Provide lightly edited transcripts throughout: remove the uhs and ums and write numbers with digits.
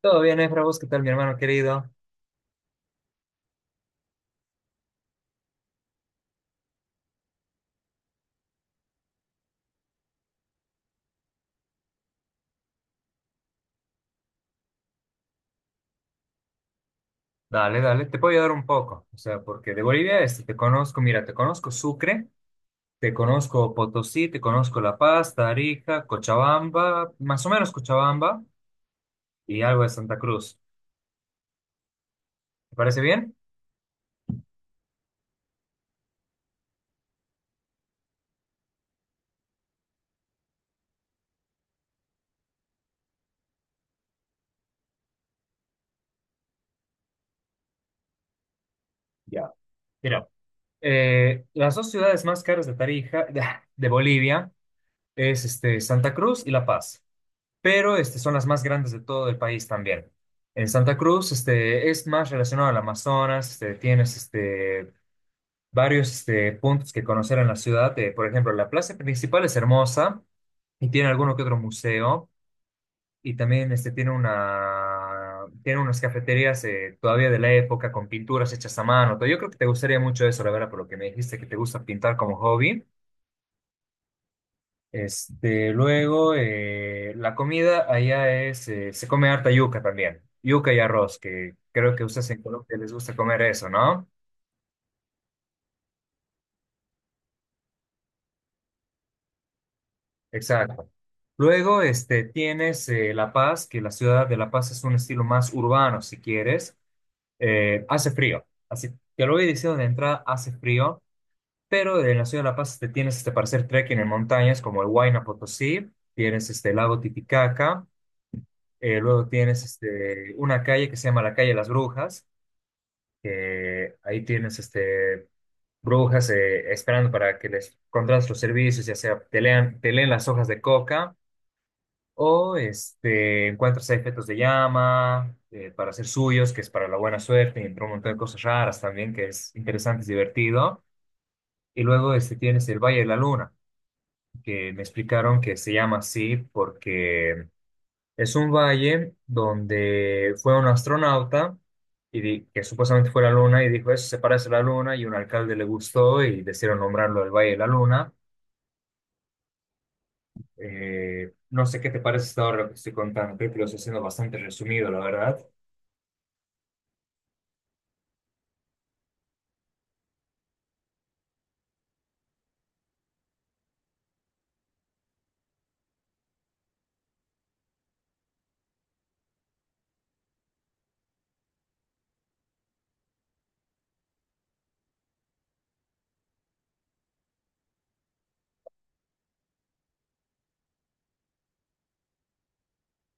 Todo bien, Efra, ¿vos qué tal, mi hermano querido? Dale, dale, te puedo ayudar un poco. O sea, porque de Bolivia te conozco, mira, te conozco Sucre, te conozco Potosí, te conozco La Paz, Tarija, Cochabamba, más o menos Cochabamba y algo de Santa Cruz. ¿Te parece bien? Ya. Mira, las dos ciudades más caras de Tarija, de Bolivia, es Santa Cruz y La Paz, pero son las más grandes de todo el país también. En Santa Cruz es más relacionado al Amazonas, tienes varios puntos que conocer en la ciudad. Por ejemplo, la plaza principal es hermosa y tiene alguno que otro museo y también tiene unas cafeterías todavía de la época con pinturas hechas a mano. Todo. Yo creo que te gustaría mucho eso, la verdad, por lo que me dijiste que te gusta pintar como hobby. Luego, la comida allá es, se come harta yuca también, yuca y arroz, que creo que ustedes en Colombia les gusta comer eso, ¿no? Exacto. Luego, tienes La Paz, que la ciudad de La Paz es un estilo más urbano, si quieres. Hace frío, así te lo voy diciendo de entrada, hace frío, pero en la ciudad de La Paz te tienes para hacer trekking en montañas como el Huayna Potosí, tienes el lago Titicaca, luego tienes una calle que se llama la calle de las Brujas, que ahí tienes brujas esperando para que les contrates los servicios, ya sea te leen las hojas de coca. O encuentras ahí fetos de llama para hacer suyos, que es para la buena suerte, y entre un montón de cosas raras también, que es interesante, es divertido. Y luego tienes el Valle de la Luna, que me explicaron que se llama así porque es un valle donde fue un astronauta y que supuestamente fue la Luna y dijo, eso se parece a la Luna, y un alcalde le gustó y decidieron nombrarlo el Valle de la Luna. No sé qué te parece hasta ahora lo que estoy contando, creo que lo estoy haciendo bastante resumido, la verdad.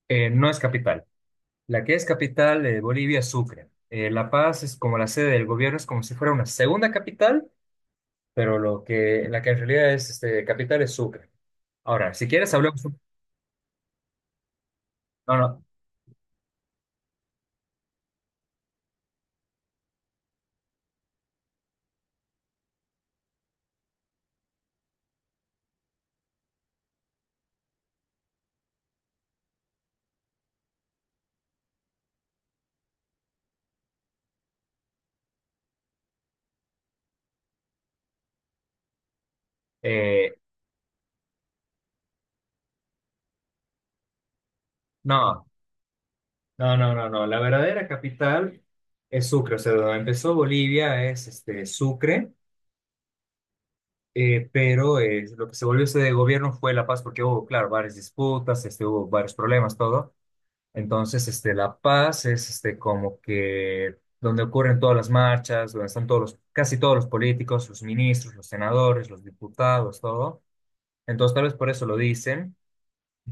No es capital. La que es capital de Bolivia es Sucre. La Paz es como la sede del gobierno, es como si fuera una segunda capital, pero la que en realidad es capital es Sucre. Ahora, si quieres hablamos. No, no, eh, no, no, no, no, no. La verdadera capital es Sucre. O sea, donde empezó Bolivia es Sucre, pero lo que se volvió sede de gobierno fue La Paz porque hubo, claro, varias disputas, hubo varios problemas, todo. Entonces, La Paz es como que donde ocurren todas las marchas, donde están casi todos los políticos, los ministros, los senadores, los diputados, todo. Entonces, tal vez por eso lo dicen,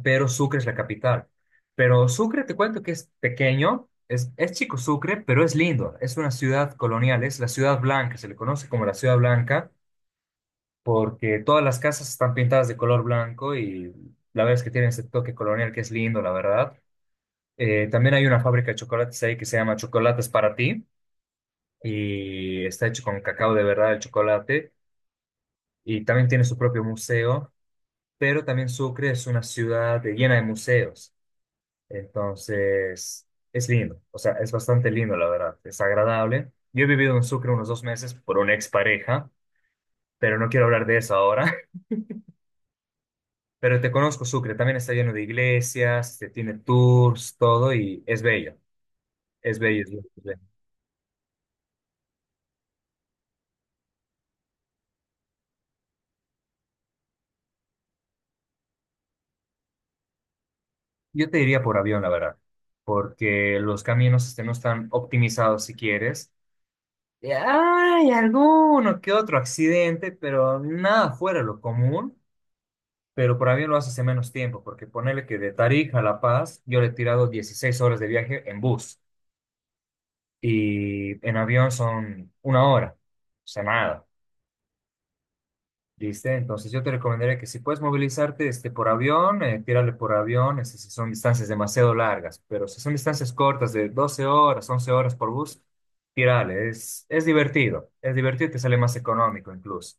pero Sucre es la capital. Pero Sucre, te cuento que es pequeño, es chico Sucre, pero es lindo. Es una ciudad colonial, es la ciudad blanca, se le conoce como la ciudad blanca, porque todas las casas están pintadas de color blanco y la verdad es que tiene ese toque colonial que es lindo, la verdad. También hay una fábrica de chocolates ahí que se llama Chocolates Para Ti y está hecho con cacao de verdad el chocolate y también tiene su propio museo, pero también Sucre es una ciudad llena de museos, entonces es lindo, o sea, es bastante lindo la verdad, es agradable. Yo he vivido en Sucre unos 2 meses por una expareja, pero no quiero hablar de eso ahora, pero te conozco Sucre, también está lleno de iglesias, tiene tours, todo y es bello, es bello. Es bello. Yo te diría por avión, la verdad, porque los caminos no están optimizados si quieres. Y hay alguno que otro accidente, pero nada fuera de lo común. Pero por avión lo haces en menos tiempo, porque ponele que de Tarija a La Paz yo le he tirado 16 horas de viaje en bus y en avión son 1 hora, o sea, nada. Listo, entonces yo te recomendaría que si puedes movilizarte por avión, tírale por avión, si son distancias demasiado largas, pero si son distancias cortas de 12 horas, 11 horas por bus, tírale, es divertido y te sale más económico incluso.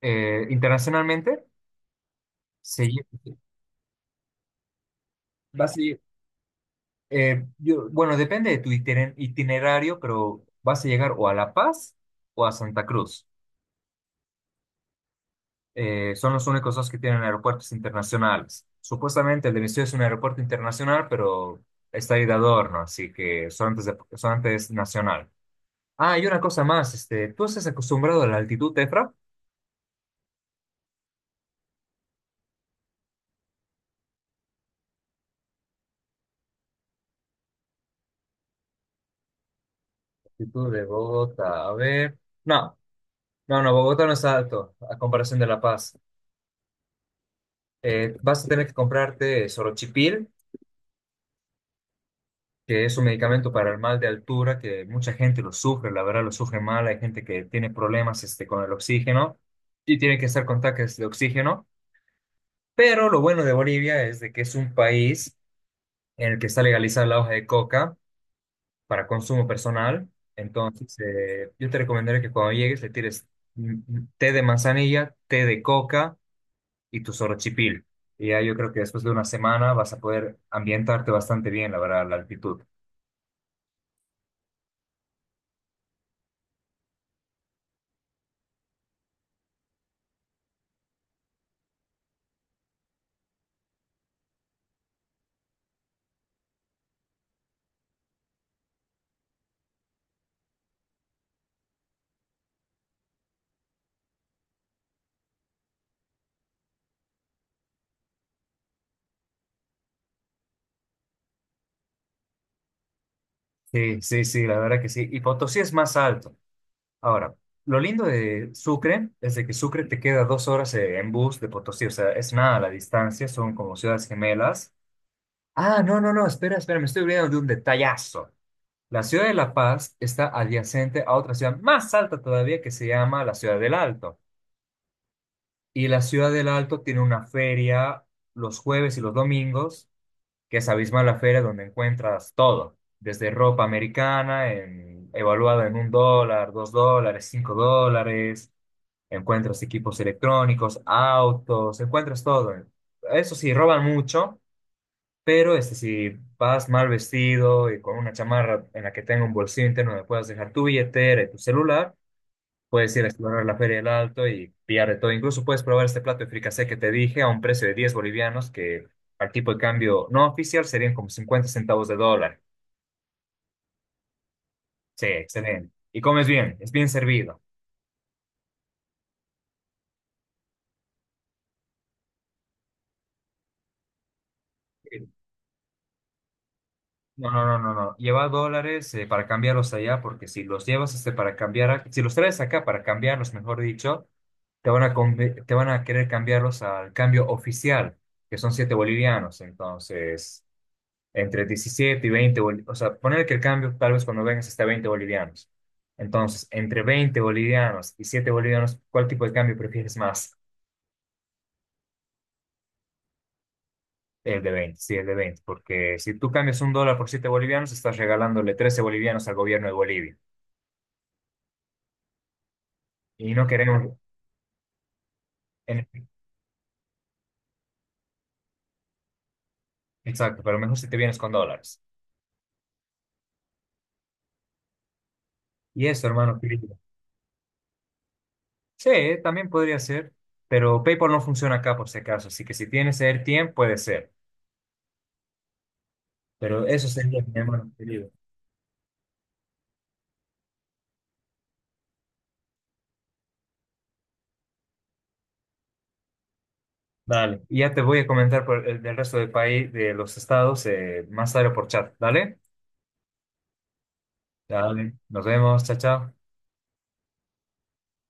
Internacionalmente, se, lle- vas a lle- bueno, depende de tu itinerario, pero vas a llegar o a La Paz o a Santa Cruz. Eh, son los únicos dos que tienen aeropuertos internacionales. Supuestamente el de mi ciudad es un aeropuerto internacional, pero está ahí de adorno, así que solamente es, solamente es nacional. Ah, y una cosa más, ¿tú estás acostumbrado a la altitud, Efra? Altitud de Bogotá, a ver. No, no, no, Bogotá no es alto a comparación de La Paz. Vas a tener que comprarte sorochipil que es un medicamento para el mal de altura, que mucha gente lo sufre, la verdad lo sufre mal, hay gente que tiene problemas con el oxígeno y tiene que estar con tanques de oxígeno, pero lo bueno de Bolivia es de que es un país en el que está legalizada la hoja de coca para consumo personal, entonces yo te recomendaría que cuando llegues le tires té de manzanilla, té de coca y tu sorochipil. Y ya yo creo que después de una semana vas a poder ambientarte bastante bien, la verdad, a la altitud. Sí, sí, sí, la verdad que sí. Y Potosí es más alto. Ahora, lo lindo de Sucre es de que Sucre te queda 2 horas en bus de Potosí, o sea, es nada la distancia, son como ciudades gemelas. Ah, no, no, no, espera, espera, me estoy olvidando de un detallazo. La ciudad de La Paz está adyacente a otra ciudad más alta todavía que se llama la ciudad del Alto. Y la ciudad del Alto tiene una feria los jueves y los domingos que es abismal la feria donde encuentras todo, desde ropa americana, en, evaluada en $1, $2, $5, encuentras equipos electrónicos, autos, encuentras todo. Eso sí, roban mucho, pero si vas mal vestido y con una chamarra en la que tenga un bolsillo interno donde puedas dejar tu billetera y tu celular, puedes ir a explorar la Feria del Alto y pillar de todo. Incluso puedes probar este plato de fricasé que te dije a un precio de 10 bolivianos, que al tipo de cambio no oficial serían como 50 centavos de dólar. Sí, excelente. Y comes bien, es bien servido. Sí. No, no, no, no, no. Lleva dólares para cambiarlos allá, porque si los llevas para cambiar, si los traes acá para cambiarlos, mejor dicho, te van a querer cambiarlos al cambio oficial, que son 7 bolivianos. Entonces, entre 17 y 20 o sea, poner que el cambio tal vez cuando vengas está 20 bolivianos. Entonces, entre 20 bolivianos y 7 bolivianos, ¿cuál tipo de cambio prefieres más? El de 20, sí, el de 20, porque si tú cambias $1 por 7 bolivianos, estás regalándole 13 bolivianos al gobierno de Bolivia. Y no queremos, en- exacto, pero mejor si te vienes con dólares. Y eso, hermano, querido. Sí, también podría ser, pero PayPal no funciona acá por si acaso, así que si tienes AirTiem, puede ser. Pero eso sería, mi hermano querido. Dale. Y ya te voy a comentar por el, del resto del país, de los estados, más tarde por chat. Dale. Dale. Nos vemos. Chao, chao.